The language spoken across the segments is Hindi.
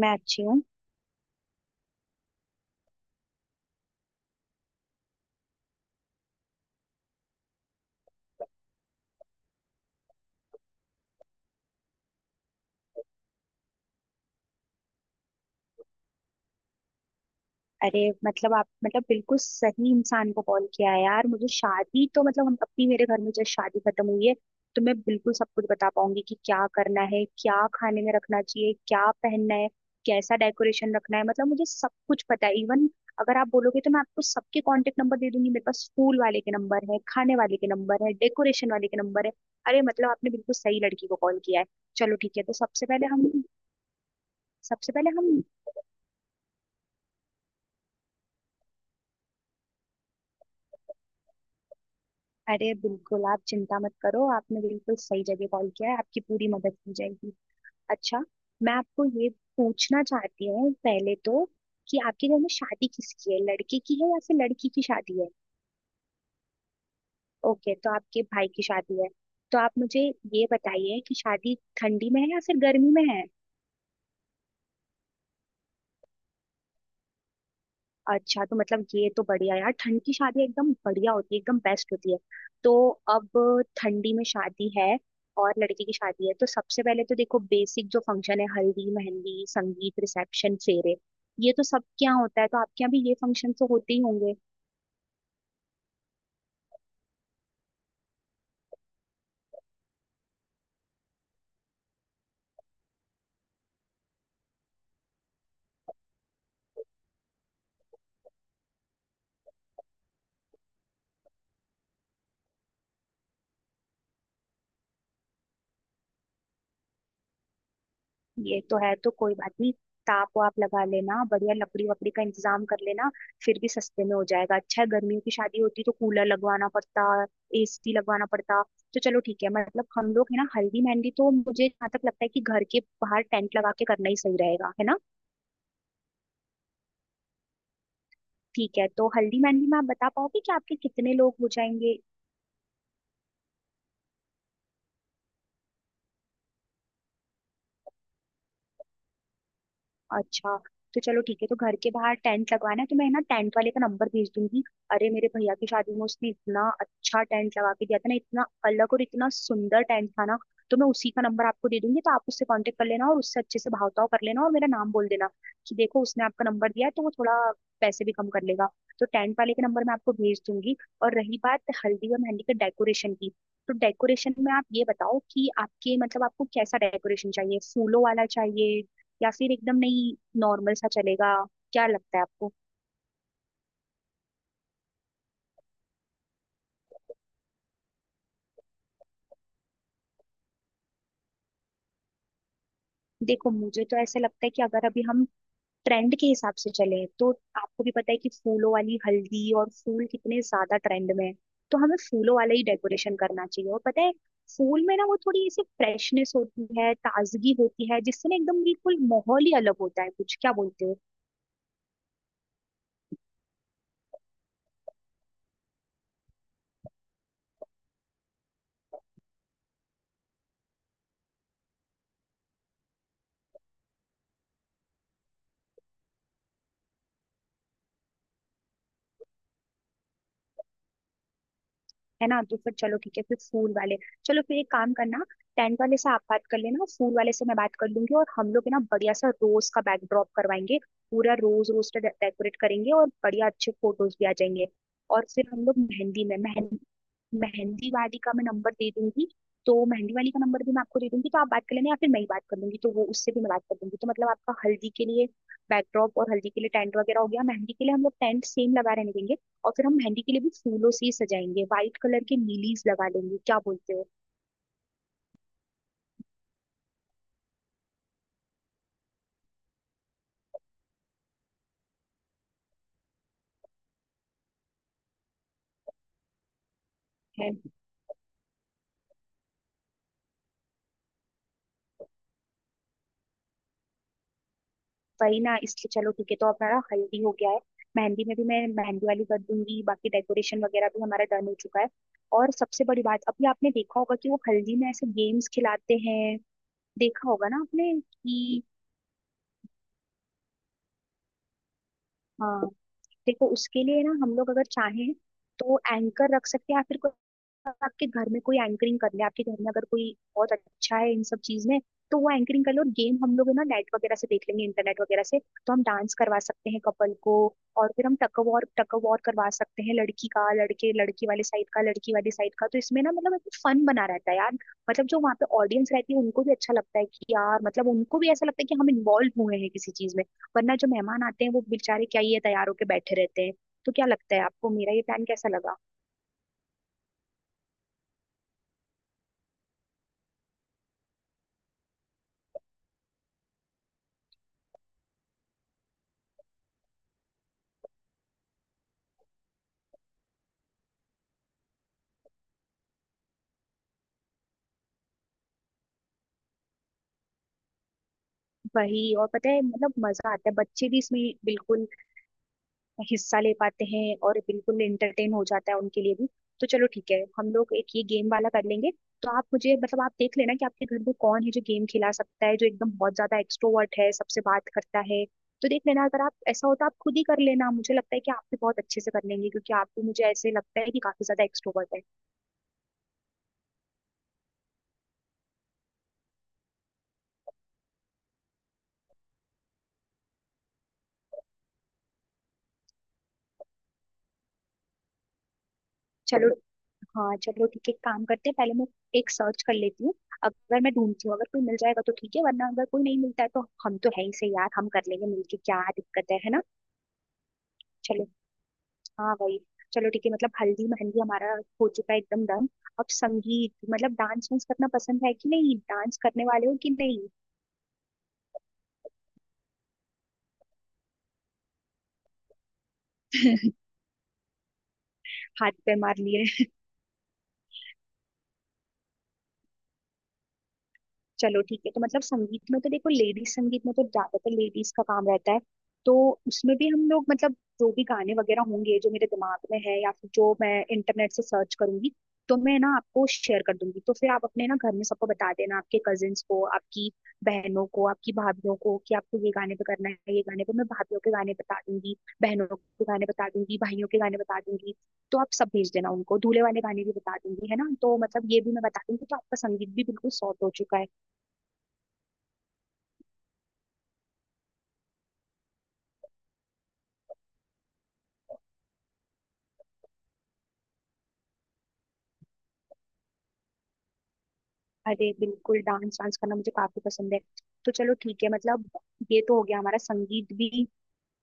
मैं अच्छी हूँ। अरे मतलब आप मतलब बिल्कुल सही इंसान को कॉल किया है यार। मुझे शादी तो मतलब हम अपनी मेरे घर में जब शादी खत्म हुई है तो मैं बिल्कुल सब कुछ बता पाऊंगी कि क्या करना है, क्या खाने में रखना चाहिए, क्या पहनना है, कैसा डेकोरेशन रखना है। मतलब मुझे सब कुछ पता है। इवन अगर आप बोलोगे तो मैं आपको सबके कांटेक्ट नंबर दे दूंगी। मेरे पास स्कूल वाले के नंबर है, खाने वाले के नंबर है, डेकोरेशन वाले के नंबर है। अरे मतलब आपने बिल्कुल सही लड़की को कॉल किया है। चलो ठीक है, तो सबसे पहले हम अरे बिल्कुल आप चिंता मत करो, आपने बिल्कुल सही जगह कॉल किया है, आपकी पूरी मदद की जाएगी। अच्छा, मैं आपको ये पूछना चाहती हूँ पहले तो कि आपके घर में शादी किसकी है, लड़के की है या फिर लड़की की शादी है? ओके, तो आपके भाई की शादी है। तो आप मुझे ये बताइए कि शादी ठंडी में है या फिर गर्मी में है? अच्छा, तो मतलब ये तो बढ़िया यार, ठंड की शादी एकदम बढ़िया होती है, एकदम बेस्ट होती है। तो अब ठंडी में शादी है और लड़की की शादी है, तो सबसे पहले तो देखो, बेसिक जो फंक्शन है हल्दी, मेहंदी, संगीत, रिसेप्शन, फेरे, ये तो सबके यहाँ होता है, तो आपके यहाँ भी ये फंक्शन तो होते ही होंगे। ये तो है, तो कोई बात नहीं। ताप वाप लगा लेना, बढ़िया लकड़ी वकड़ी का इंतजाम कर लेना, फिर भी सस्ते में हो जाएगा। अच्छा है, गर्मियों की शादी होती तो कूलर लगवाना पड़ता, एसी लगवाना पड़ता। तो चलो ठीक है, मतलब हम लोग है ना, हल्दी मेहंदी तो मुझे जहाँ तक लगता है कि घर के बाहर टेंट लगा के करना ही सही रहेगा, है ना। ठीक है, तो हल्दी मेहंदी में आप बता पाओगे कि आपके कितने लोग हो जाएंगे? अच्छा। तो चलो ठीक है, तो घर के बाहर टेंट लगवाना है, तो मैं ना टेंट वाले का नंबर भेज दूंगी। अरे मेरे भैया की शादी में उसने इतना अच्छा टेंट लगा के दिया था ना, इतना अलग और इतना सुंदर टेंट था ना। तो मैं उसी का नंबर आपको दे दूंगी, तो आप उससे कांटेक्ट कर लेना और उससे अच्छे से भाव ताव कर लेना और मेरा नाम बोल देना कि देखो उसने आपका नंबर दिया है, तो वो थोड़ा पैसे भी कम कर लेगा। तो टेंट वाले के नंबर मैं आपको भेज दूंगी। और रही बात हल्दी और मेहंदी के डेकोरेशन की, तो डेकोरेशन में आप ये बताओ कि आपके मतलब आपको कैसा डेकोरेशन चाहिए, फूलों वाला चाहिए या फिर एकदम नहीं, नॉर्मल सा चलेगा? क्या लगता है आपको? देखो, मुझे तो ऐसा लगता है कि अगर अभी हम ट्रेंड के हिसाब से चले तो आपको भी पता है कि फूलों वाली हल्दी और फूल कितने ज्यादा ट्रेंड में है, तो हमें फूलों वाला ही डेकोरेशन करना चाहिए। और पता है, फूल में ना वो थोड़ी ऐसी फ्रेशनेस होती है, ताजगी होती है, जिससे ना एकदम बिल्कुल माहौल ही अलग होता है कुछ। क्या बोलते हो? है ना, तो फिर चलो ठीक है, फिर फूल वाले। चलो, फिर एक काम करना, टेंट वाले से आप बात कर लेना, फूल वाले से मैं बात कर लूंगी, और हम लोग है ना बढ़िया सा रोज का बैकड्रॉप करवाएंगे, पूरा रोज रोज से डेकोरेट करेंगे और बढ़िया अच्छे फोटोज भी आ जाएंगे। और फिर हम लोग मेहंदी में मेहंदी मेहंदी वाली का मैं नंबर दे दूंगी। तो मेहंदी वाली का नंबर भी मैं आपको दे दूंगी, तो आप बात कर लेना या फिर मैं ही बात कर लूंगी, तो वो उससे भी मैं बात कर दूंगी। तो मतलब आपका हल्दी के लिए बैकड्रॉप और हल्दी के लिए टेंट वगैरह हो गया। मेहंदी के लिए हम लोग टेंट सेम लगा रहने देंगे, और फिर हम मेहंदी के लिए भी फूलों से ही सजाएंगे, व्हाइट कलर के नीलीज लगा लेंगे। क्या बोलते हो? है। वही ना, इसलिए चलो ठीक है, तो हमारा हल्दी हो गया है, मेहंदी में भी मैं मेहंदी वाली कर दूंगी, बाकी डेकोरेशन वगैरह भी हमारा डन हो चुका है। और सबसे बड़ी बात, अभी आपने देखा होगा कि वो हल्दी में ऐसे गेम्स खिलाते हैं, देखा होगा ना आपने कि? हाँ, देखो उसके लिए ना हम लोग अगर चाहें तो एंकर रख सकते हैं, या फिर कोई आपके घर में कोई एंकरिंग कर ले, आपके घर में अगर कोई बहुत अच्छा है इन सब चीज में, तो वो एंकरिंग कर ले, और गेम हम लोग है ना नेट वगैरह से देख लेंगे, इंटरनेट वगैरह से। तो हम डांस करवा सकते हैं कपल को, और फिर हम टग ऑफ वॉर करवा सकते हैं, लड़की का, लड़के लड़की वाले साइड का, लड़की वाली साइड का। तो इसमें ना मतलब एक फन बना रहता है यार, मतलब जो वहाँ पे ऑडियंस रहती है उनको भी अच्छा लगता है कि यार, मतलब उनको भी ऐसा लगता है कि हम इन्वॉल्व हुए हैं किसी चीज में, वरना जो मेहमान आते हैं वो बेचारे क्या ही है, तैयार होके बैठे रहते हैं। तो क्या लगता है आपको, मेरा ये प्लान कैसा लगा? वही, और पता है, मतलब मजा आता है, बच्चे भी इसमें बिल्कुल हिस्सा ले पाते हैं और बिल्कुल एंटरटेन हो जाता है उनके लिए भी। तो चलो ठीक है, हम लोग एक ये गेम वाला कर लेंगे। तो आप मुझे मतलब आप देख लेना कि आपके घर में कौन है जो गेम खिला सकता है, जो एकदम बहुत ज्यादा एक्सट्रोवर्ट है, सबसे बात करता है। तो देख लेना, अगर आप ऐसा होता आप खुद ही कर लेना, मुझे लगता है कि आप भी बहुत अच्छे से कर लेंगे, क्योंकि आप भी मुझे ऐसे लगता है कि काफी ज्यादा एक्सट्रोवर्ट है। चलो। हाँ, चलो ठीक है, एक काम करते हैं, पहले मैं एक सर्च कर लेती हूँ, अगर मैं ढूंढती हूँ अगर कोई मिल जाएगा तो ठीक है, वरना अगर कोई नहीं मिलता है तो हम तो है ही, सही यार हम कर लेंगे मिलके, क्या दिक्कत है ना। चलो। हाँ, वही। चलो ठीक है, मतलब हल्दी मेहंदी हमारा हो चुका है, एकदम डन। अब संगीत, मतलब डांस वांस करना पसंद है कि नहीं, डांस करने वाले हो कि नहीं? हाथ पे मार लिए। चलो ठीक है, तो मतलब संगीत में तो देखो, लेडीज संगीत में तो ज्यादातर लेडीज का काम रहता है। तो उसमें भी हम लोग मतलब जो भी गाने वगैरह होंगे जो मेरे दिमाग में है, या फिर जो मैं इंटरनेट से सर्च करूंगी, तो मैं ना आपको शेयर कर दूंगी, तो फिर आप अपने ना घर में सबको बता देना, आपके कजिन्स को, आपकी बहनों को, आपकी भाभीियों को कि आपको ये गाने पे करना है, ये गाने पे। मैं भाभीियों के गाने बता दूंगी, बहनों के गाने बता दूंगी, भाइयों के गाने बता दूंगी। तो आप सब भेज देना उनको, दूल्हे वाले गाने भी बता दूंगी, है ना, तो मतलब ये भी मैं बता दूंगी, तो आपका संगीत भी बिल्कुल सॉर्ट हो चुका है। अरे बिल्कुल, डांस डांस करना मुझे काफी पसंद है। तो चलो ठीक है, मतलब ये तो हो गया, हमारा संगीत भी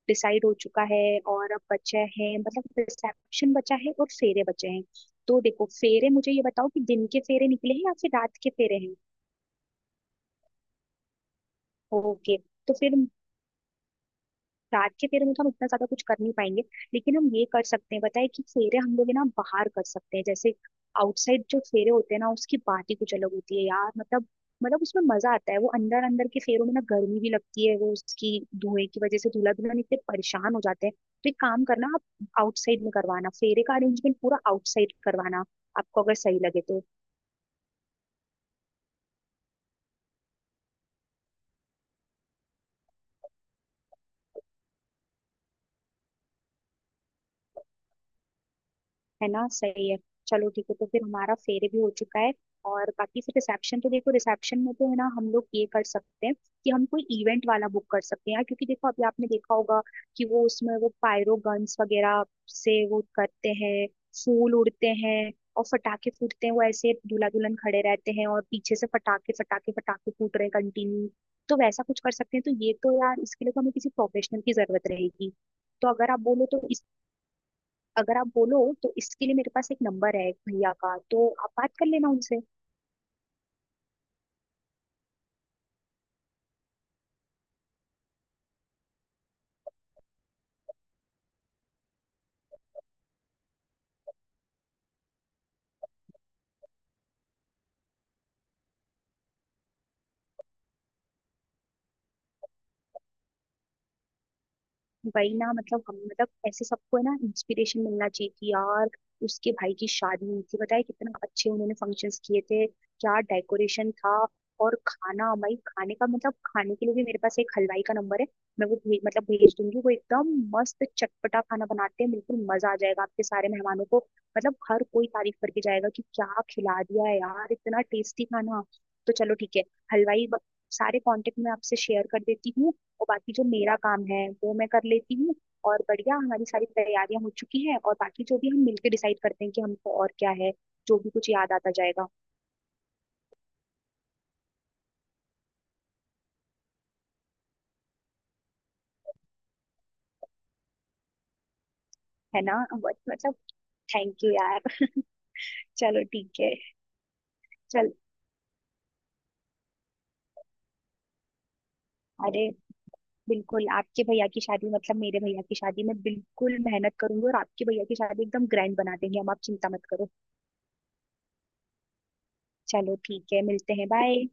डिसाइड हो चुका है। और अब बचा है मतलब रिसेप्शन बचा है और फेरे बचे हैं। तो देखो फेरे, मुझे ये बताओ कि दिन के फेरे निकले हैं या फिर रात के फेरे हैं? ओके, तो फिर रात के फेरे में तो हम इतना ज्यादा कुछ कर नहीं पाएंगे, लेकिन हम ये कर सकते हैं बताए कि फेरे हम लोग है ना बाहर कर सकते हैं, जैसे आउटसाइड जो फेरे होते हैं ना उसकी बात ही कुछ अलग होती है यार। मतलब, मतलब उसमें मजा आता है, वो अंदर अंदर के फेरों में ना गर्मी भी लगती है, वो उसकी धुएं की वजह से दूल्हा दुल्हन इतने परेशान हो जाते हैं। तो एक काम करना, आप आउटसाइड में करवाना फेरे का अरेंजमेंट, पूरा आउटसाइड करवाना, आपको अगर सही लगे तो। है ना, सही है। चलो ठीक है, तो फिर हमारा फेरे भी हो चुका है। और बाकी फिर रिसेप्शन, तो देखो रिसेप्शन में तो है ना हम लोग ये कर सकते हैं कि हम कोई इवेंट वाला बुक कर सकते हैं यार, क्योंकि देखो अभी आपने देखा होगा कि वो उसमें वो पायरो गन्स वगैरह से वो करते हैं, फूल उड़ते हैं और फटाके फूटते हैं, वो ऐसे दूल्हा दुल्हन खड़े रहते हैं और पीछे से फटाके फटाके फटाके फूट रहे कंटिन्यू। तो वैसा कुछ कर सकते हैं। तो ये तो यार, इसके लिए तो हमें किसी प्रोफेशनल की जरूरत रहेगी। तो अगर आप बोलो तो इसके लिए मेरे पास एक नंबर है एक भैया का, तो आप बात कर लेना उनसे। वही ना, मतलब हम मतलब ऐसे सबको है ना इंस्पिरेशन मिलना चाहिए कि यार उसके भाई की शादी हुई थी, बताए कितना अच्छे उन्होंने फंक्शंस किए थे, क्या डेकोरेशन था। और खाना, भाई खाने का मतलब खाने के लिए भी मेरे पास एक हलवाई का नंबर है। मैं वो भे, मतलब भेज दूंगी। वो एकदम मस्त चटपटा खाना बनाते हैं, बिल्कुल मजा आ जाएगा आपके सारे मेहमानों को। मतलब हर कोई तारीफ करके जाएगा कि क्या खिला दिया है यार, इतना टेस्टी खाना। तो चलो ठीक है, हलवाई ब- सारे कांटेक्ट मैं आपसे शेयर कर देती हूँ। और बाकी जो मेरा काम है वो मैं कर लेती हूँ। और बढ़िया, हमारी सारी तैयारियां हो चुकी हैं, और बाकी जो भी हम मिलके डिसाइड करते हैं कि हमको और क्या है, जो भी कुछ याद आता जाएगा। है ना। बट मतलब थैंक यू यार। चलो ठीक है। चल। अरे बिल्कुल, आपके भैया की शादी मतलब मेरे भैया की शादी में बिल्कुल मेहनत करूंगी, और आपके भैया की शादी एकदम ग्रैंड बना देंगे हम, आप चिंता मत करो। चलो ठीक है, मिलते हैं, बाय।